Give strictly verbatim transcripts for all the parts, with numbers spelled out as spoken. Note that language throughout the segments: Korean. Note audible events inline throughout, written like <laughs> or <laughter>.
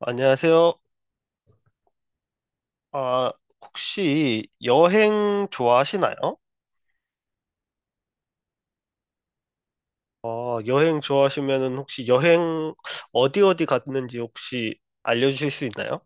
안녕하세요. 아, 혹시 여행 좋아하시나요? 어, 여행 좋아하시면은 혹시 여행 어디 어디 갔는지 혹시 알려주실 수 있나요?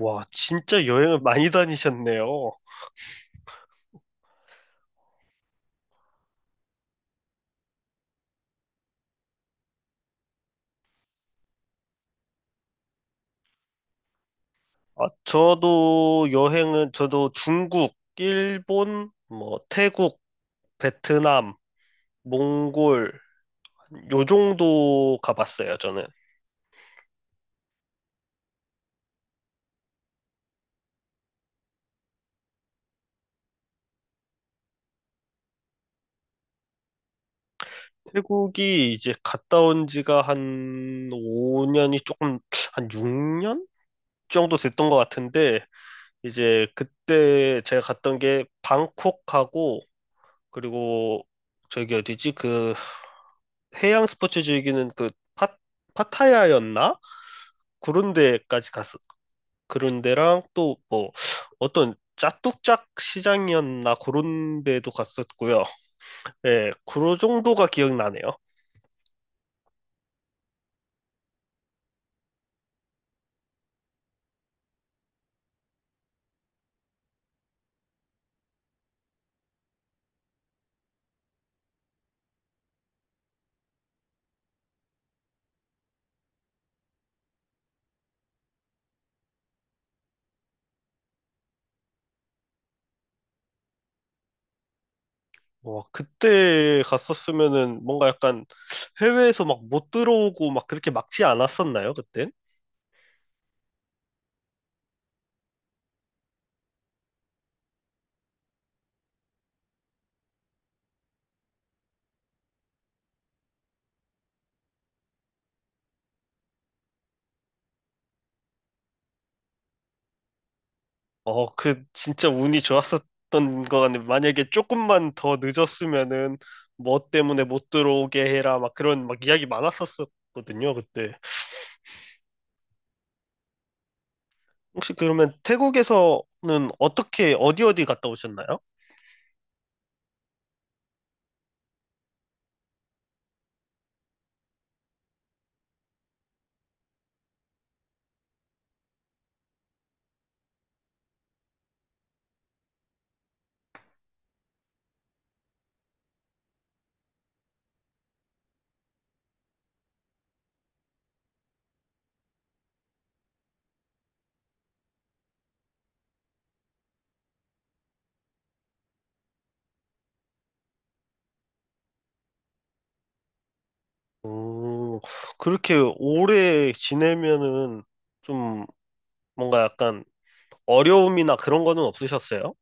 와, 진짜 여행을 많이 다니셨네요. 아, 저도 여행은 저도 중국, 일본, 뭐 태국, 베트남, 몽골 요 정도 가봤어요, 저는. 태국이 이제 갔다 온 지가 한 오 년이 조금 한 육 년? 정도 됐던 것 같은데 이제 그때 제가 갔던 게 방콕하고 그리고 저기 어디지 그 해양 스포츠 즐기는 그 파, 파타야였나? 그런 데까지 갔어. 그런 데랑 또 뭐 어떤 짜뚝짝 시장이었나 그런 데도 갔었고요. 예, 그 정도가 기억나네요. 와, 그때 갔었으면은 뭔가 약간 해외에서 막 못 들어오고 막 그렇게 막지 않았었나요, 그때? 어, 그 진짜 운이 좋았었던 거 같네. 만약에 조금만 더 늦었으면은 뭐 때문에 못 들어오게 해라 막 그런 막 이야기 많았었거든요, 그때. 혹시 그러면 태국에서는 어떻게 어디 어디 갔다 오셨나요? 오, 그렇게 오래 지내면은 좀 뭔가 약간 어려움이나 그런 거는 없으셨어요?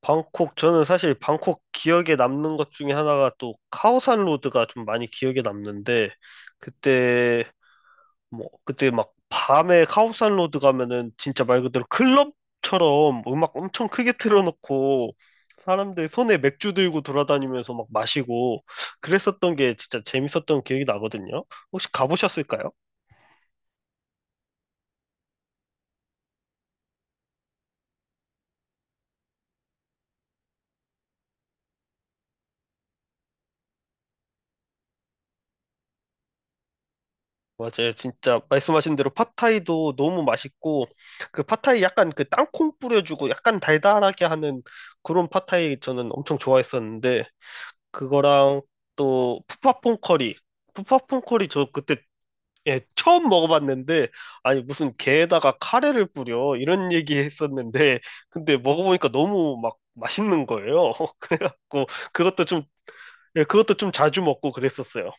방콕, 저는 사실 방콕 기억에 남는 것 중에 하나가 또 카오산 로드가 좀 많이 기억에 남는데, 그때 뭐 그때 막 밤에 카오산 로드 가면은 진짜 말 그대로 클럽처럼 음악 엄청 크게 틀어놓고 사람들 손에 맥주 들고 돌아다니면서 막 마시고 그랬었던 게 진짜 재밌었던 기억이 나거든요. 혹시 가보셨을까요? 맞아요. 진짜 말씀하신 대로 팟타이도 너무 맛있고 그 팟타이 약간 그 땅콩 뿌려주고 약간 달달하게 하는 그런 팟타이 저는 엄청 좋아했었는데 그거랑 또 푸팟퐁 커리 푸팟퐁 커리 저 그때 예, 처음 먹어봤는데, 아니, 무슨 게에다가 카레를 뿌려, 이런 <laughs> 얘기 했었는데, 근데 먹어보니까 너무 막 맛있는 거예요. <laughs> 그래갖고, 그것도 좀, 예, 그것도 좀 자주 먹고 그랬었어요.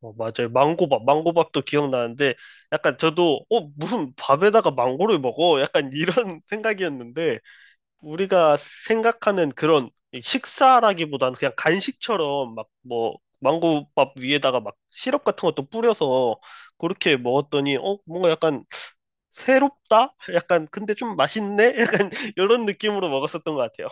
어, 맞아요. 망고밥, 망고밥도 기억나는데, 약간 저도, 어, 무슨 밥에다가 망고를 먹어? 약간 이런 <laughs> 생각이었는데, 우리가 생각하는 그런 식사라기보단 그냥 간식처럼 막 뭐 망고밥 위에다가 막 시럽 같은 것도 뿌려서 그렇게 먹었더니 어 뭔가 약간 새롭다? 약간 근데 좀 맛있네? 약간 <laughs> 이런 느낌으로 먹었었던 것 같아요.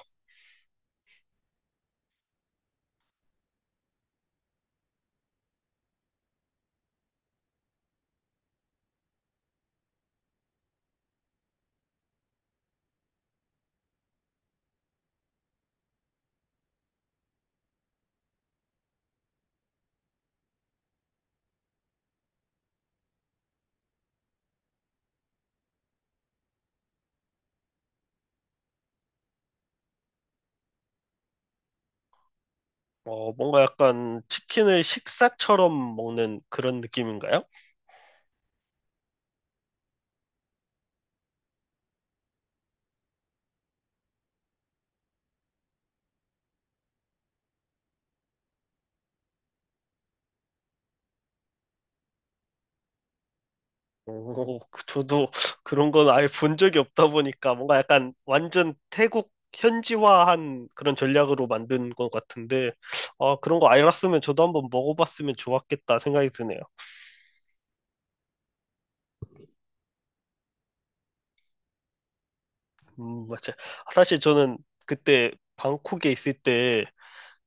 어 뭔가 약간 치킨을 식사처럼 먹는 그런 느낌인가요? 오, 그- 저도 그런 건 아예 본 적이 없다 보니까 뭔가 약간 완전 태국 현지화한 그런 전략으로 만든 것 같은데, 아, 그런 거 알았으면 저도 한번 먹어봤으면 좋았겠다 생각이 드네요. 음, 맞아. 사실 저는 그때 방콕에 있을 때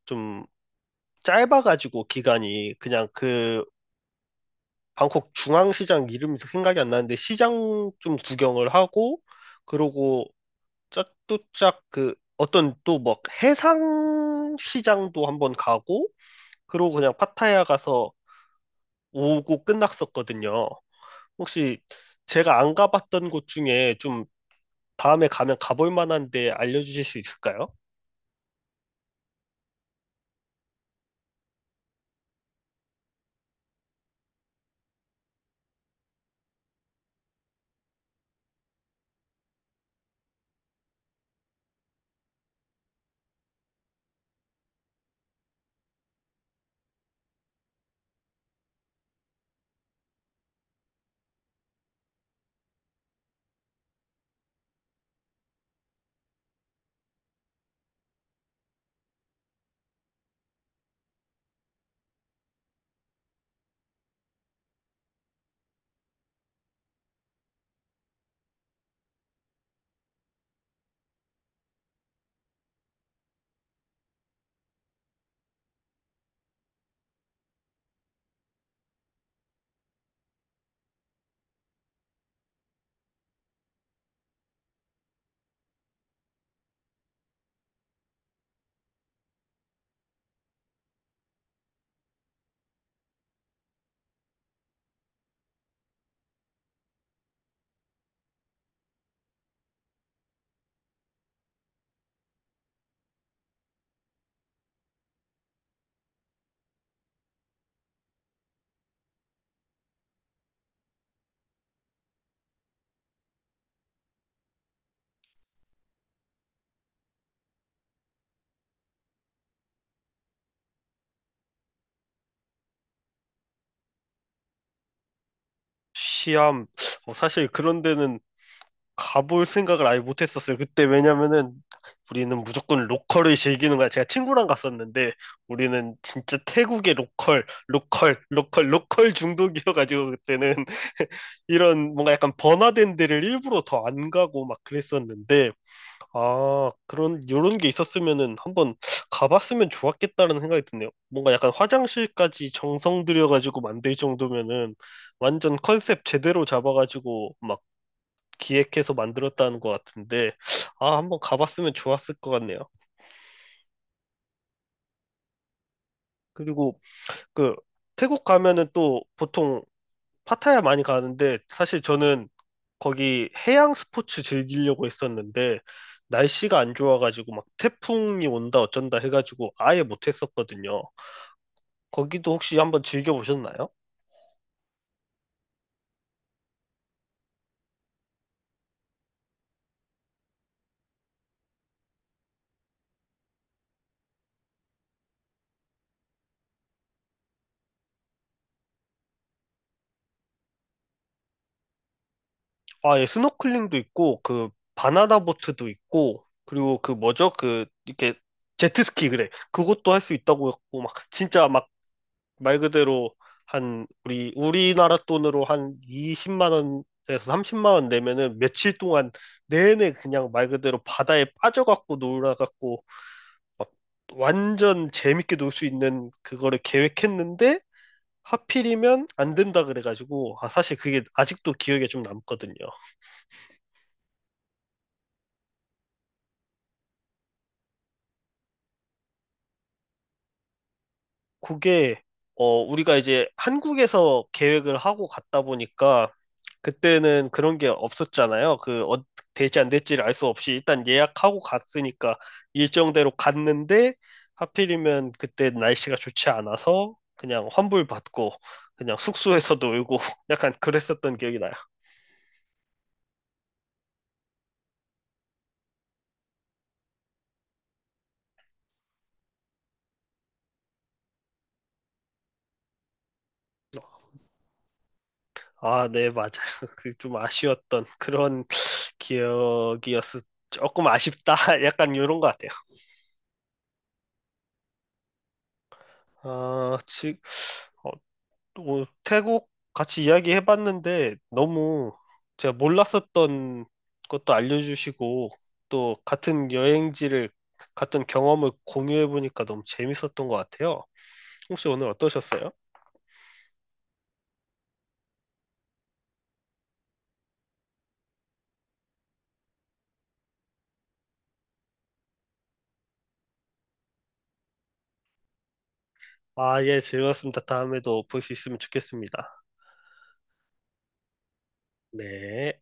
좀 짧아가지고 기간이 그냥 그 방콕 중앙시장 이름이 생각이 안 나는데 시장 좀 구경을 하고, 그러고 짝두짝 그 어떤 또 뭐 해상 시장도 한번 가고 그러고 그냥 파타야 가서 오고 끝났었거든요. 혹시 제가 안 가봤던 곳 중에 좀 다음에 가면 가볼 만한 데 알려주실 수 있을까요? 시암 어, 사실 그런 데는 가볼 생각을 아예 못했었어요. 그때 왜냐면은 우리는 무조건 로컬을 즐기는 거야. 제가 친구랑 갔었는데 우리는 진짜 태국의 로컬, 로컬, 로컬, 로컬 중독이어가지고 그때는 <laughs> 이런 뭔가 약간 번화된 데를 일부러 더 안 가고 막 그랬었는데 아 그런 이런 게 있었으면은 한번 가봤으면 좋았겠다는 생각이 드네요. 뭔가 약간 화장실까지 정성 들여가지고 만들 정도면은 완전 컨셉 제대로 잡아가지고 막 기획해서 만들었다는 것 같은데, 아, 한번 가봤으면 좋았을 것 같네요. 그리고 그 태국 가면은 또 보통 파타야 많이 가는데, 사실 저는 거기 해양 스포츠 즐기려고 했었는데, 날씨가 안 좋아가지고 막 태풍이 온다 어쩐다 해가지고 아예 못했었거든요. 거기도 혹시 한번 즐겨보셨나요? 아, 예, 스노클링도 있고, 그, 바나나 보트도 있고, 그리고 그 뭐죠? 그, 이렇게, 제트스키, 그래. 그것도 할 수 있다고 했고, 막, 진짜 막, 말 그대로, 한, 우리, 우리나라 돈으로 한 이십만 원에서 삼십만 원 내면은 며칠 동안 내내 그냥 말 그대로 바다에 빠져갖고 놀아갖고, 완전 재밌게 놀 수 있는 그거를 계획했는데, 하필이면 안 된다 그래가지고, 아, 사실 그게 아직도 기억에 좀 남거든요. 그게 어 우리가 이제 한국에서 계획을 하고 갔다 보니까 그때는 그런 게 없었잖아요. 그 어, 될지 안 될지를 알 수 없이 일단 예약하고 갔으니까 일정대로 갔는데 하필이면 그때 날씨가 좋지 않아서 그냥 환불 받고 그냥 숙소에서 놀고 <laughs> 약간 그랬었던 기억이 나요. 아, 네, 맞아요. <laughs> 그 좀 아쉬웠던 그런 <sniffs> 기억이었어. 조금 아쉽다. <laughs> 약간 이런 것 같아요. 아, 지, 어, 또 태국 같이 이야기해봤는데 너무 제가 몰랐었던 것도 알려주시고 또 같은 여행지를 갔던 경험을 공유해보니까 너무 재밌었던 것 같아요. 혹시 오늘 어떠셨어요? 아, 예, 즐거웠습니다. 다음에도 볼 수 있으면 좋겠습니다. 네.